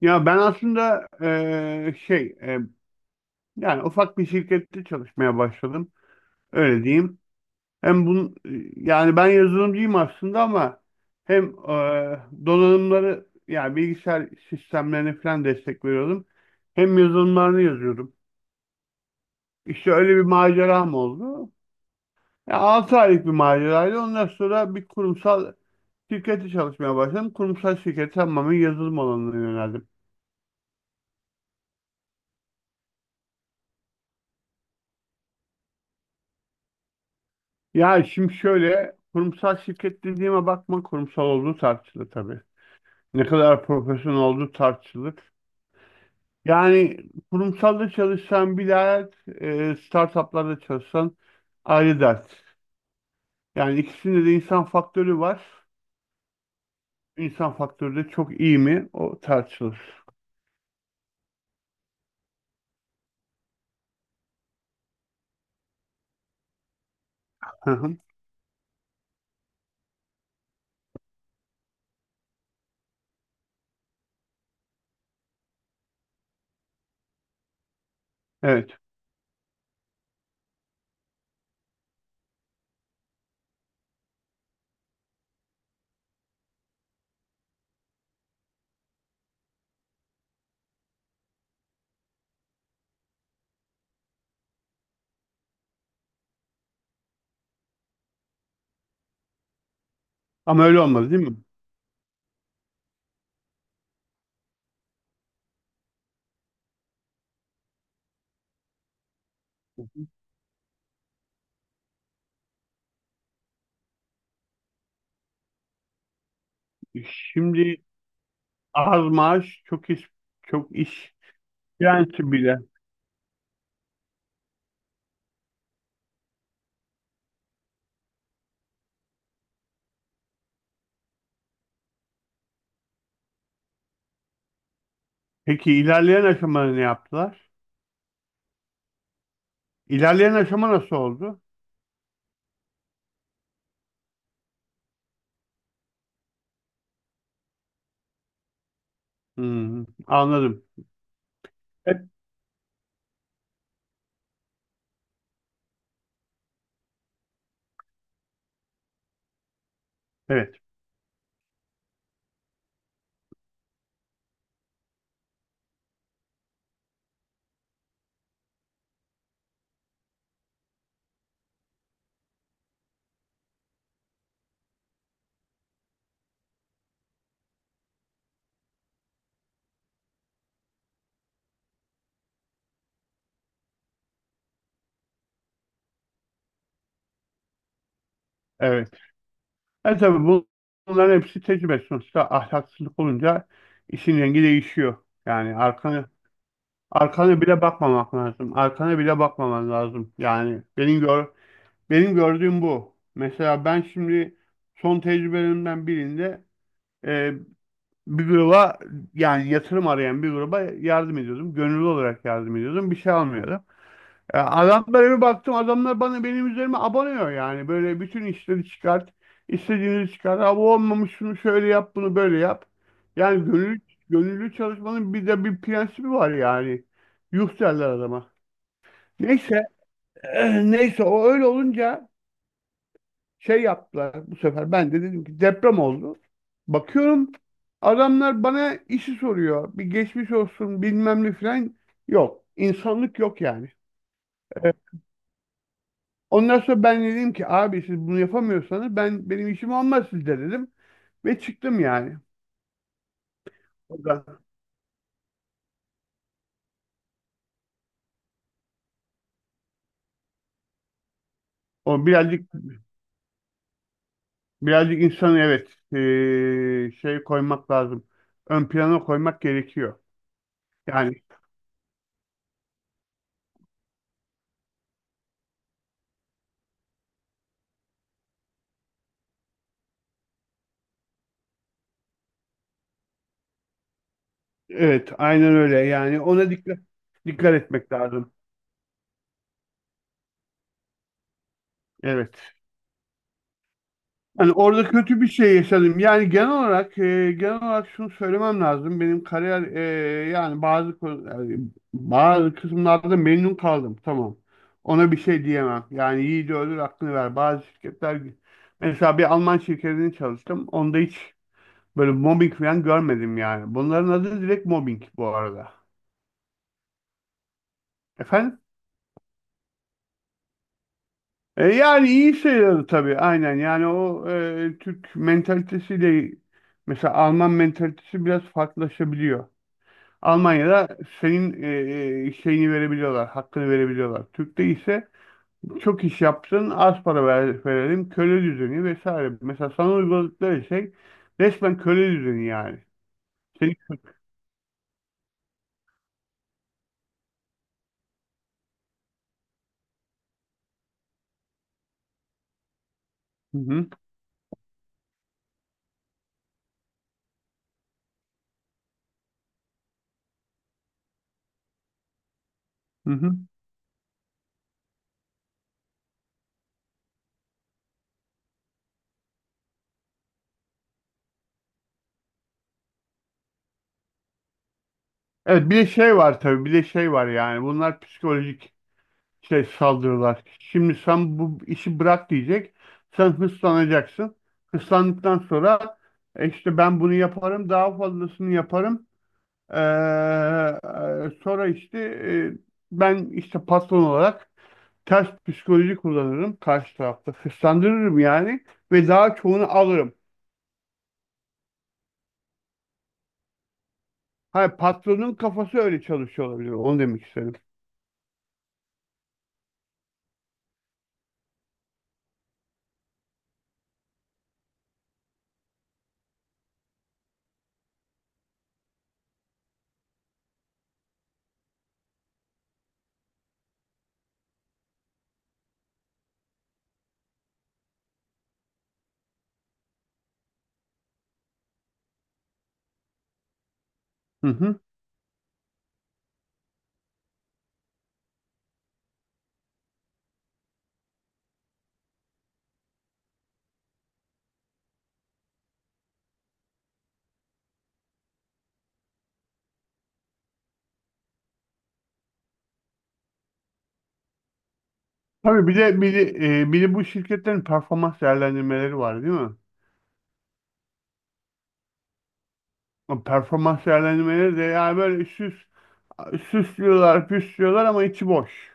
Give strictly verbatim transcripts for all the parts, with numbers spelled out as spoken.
Ya ben aslında eee, şey eee, yani ufak bir şirkette çalışmaya başladım. Öyle diyeyim. Hem bun yani ben yazılımcıyım aslında ama hem eee, donanımları yani bilgisayar sistemlerine falan destek veriyordum. Hem yazılımlarını yazıyordum. İşte öyle bir maceram oldu. Ya altı aylık bir maceraydı. Ondan sonra bir kurumsal şirkette çalışmaya başladım. Kurumsal şirkete tamamen yazılım alanına yöneldim. Ya şimdi şöyle, kurumsal şirket dediğime bakma, kurumsal olduğu tartışılır tabii. Ne kadar profesyonel olduğu tartışılır. Yani kurumsalda çalışsan bir dert, e, startuplarda çalışsan ayrı dert. Yani ikisinde de insan faktörü var. İnsan faktörü de çok iyi mi, o tartışılır. Hı hı. Evet, ama öyle olmaz değil mi? Şimdi az maaş çok iş, çok iş direnci bile. Peki ilerleyen aşamada ne yaptılar? İlerleyen aşama nasıl oldu? Hmm, anladım. Evet. Evet, evet. E tabii bu- Bunların hepsi tecrübe. Sonuçta ahlaksızlık olunca işin rengi değişiyor. Yani arkana, arkana bile bakmamak lazım. Arkana bile bakmaman lazım. Yani benim gör benim gördüğüm bu. Mesela ben şimdi son tecrübelerimden birinde e, bir gruba, yani yatırım arayan bir gruba yardım ediyordum. Gönüllü olarak yardım ediyordum. Bir şey almıyordum. E, Adamlara bir baktım, adamlar bana, benim üzerime abanıyor yani. Böyle bütün işleri çıkart, istediğini çıkart. Ha, bu olmamış, şunu şöyle yap, bunu böyle yap. Yani gönüllü, gönüllü çalışmanın bir de bir prensibi var yani. Yuh derler adama. Neyse, neyse o öyle olunca şey yaptılar bu sefer. Ben de dedim ki, deprem oldu. Bakıyorum adamlar bana işi soruyor. Bir geçmiş olsun, bilmem ne falan yok. İnsanlık yok yani. Ondan sonra ben dedim ki, abi siz bunu yapamıyorsanız, ben, benim işim olmaz sizde dedim. Ve çıktım yani. O da o birazcık birazcık insanı, evet, eee, şey, koymak lazım. Ön plana koymak gerekiyor. Yani evet, aynen öyle yani, ona dikkat dikkat etmek lazım. Evet. Yani orada kötü bir şey yaşadım. Yani genel olarak, e, genel olarak şunu söylemem lazım. Benim kariyer, e, yani bazı ko- yani bazı kısımlarda memnun kaldım. Tamam. Ona bir şey diyemem. Yani yiğidi öldür hakkını ver. Bazı şirketler, mesela bir Alman şirketinde çalıştım. Onda hiç böyle mobbing falan görmedim yani. Bunların adı direkt mobbing bu arada. Efendim? E, yani iyi sayılır tabii, aynen. Yani o, e, Türk mentalitesiyle mesela Alman mentalitesi biraz farklılaşabiliyor. Almanya'da senin, e, e, şeyini verebiliyorlar, hakkını verebiliyorlar. Türk'te ise çok iş yaptın, az para ver- verelim, köle düzeni vesaire. Mesela sana uyguladıkları şey resmen köle düzeni yani. Seni... Hı hı, hı hı. Evet, bir de şey var tabii, bir de şey var, yani bunlar psikolojik şey, saldırılar. Şimdi sen bu işi bırak diyecek, sen hırslanacaksın. Hırslandıktan sonra, e, işte ben bunu yaparım, daha fazlasını yaparım. Ee, e, Sonra işte, e, ben işte patron olarak ters psikoloji kullanırım karşı tarafta. Hırslandırırım yani ve daha çoğunu alırım. Hayır, patronun kafası öyle çalışıyor olabilir. Onu demek istedim. Hı hı. Tabii bir de, bir de, e, bir de bu şirketlerin performans değerlendirmeleri var değil mi? O performans değerlendirmeleri de yani böyle, süs, süslüyorlar, püslüyorlar ama içi boş.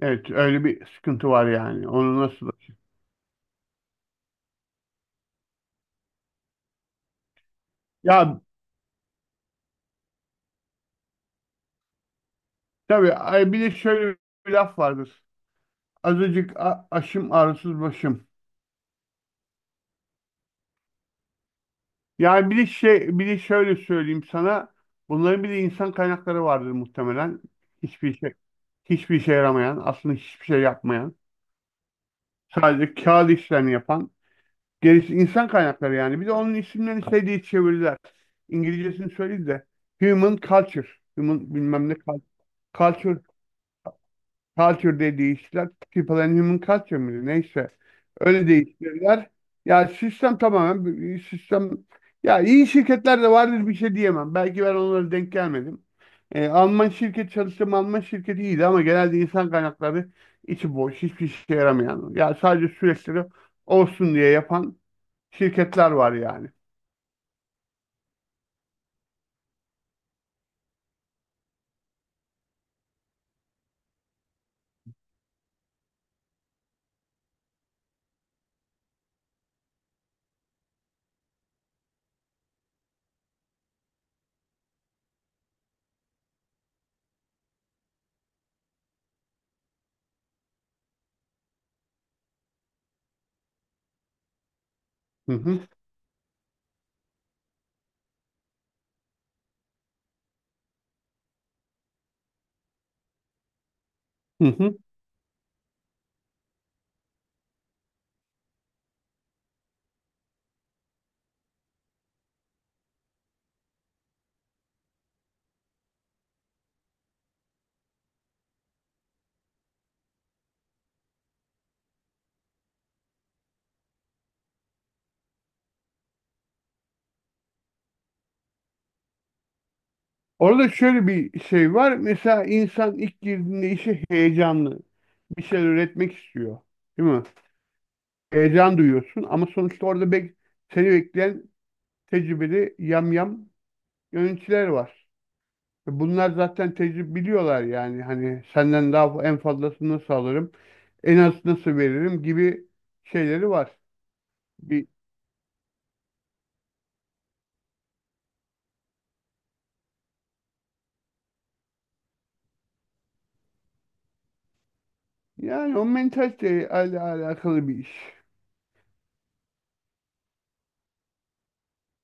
Evet, öyle bir sıkıntı var yani. Onu nasıl... Ya tabii, ay, bir de şöyle bir laf vardır. Azıcık a- aşım, ağrısız başım. Yani bir de şey, bir de şöyle söyleyeyim sana. Bunların bir de insan kaynakları vardır muhtemelen. Hiçbir şey hiçbir işe yaramayan, aslında hiçbir şey yapmayan, sadece kağıt işlerini yapan, gerisi insan kaynakları yani. Bir de onun isimlerini şey diye çevirdiler. İngilizcesini söyleyeyim de, human culture, human bilmem ne cul- culture, Culture diye değiştiler. People and Human Culture mıydı? Neyse. Öyle değiştirdiler. Ya sistem tamamen bir- sistem, ya iyi şirketler de vardır, bir şey diyemem. Belki ben onlara denk gelmedim. Ee, Alman şirket çalıştığım Alman şirketi iyiydi, ama genelde insan kaynakları içi boş, hiçbir işe yaramayan. Ya sadece süreçleri olsun diye yapan şirketler var yani. Hı hı. Hı hı. Orada şöyle bir şey var. Mesela insan ilk girdiğinde işe heyecanlı. Bir şeyler üretmek istiyor. Değil mi? Heyecan duyuyorsun ama sonuçta orada bek seni bekleyen tecrübeli yamyam yöneticiler var. Ve bunlar zaten tecrübe biliyorlar yani. Hani senden daha en fazlasını nasıl alırım, en az nasıl veririm gibi şeyleri var. Bir, yani o mentaliteyle al- alakalı bir iş.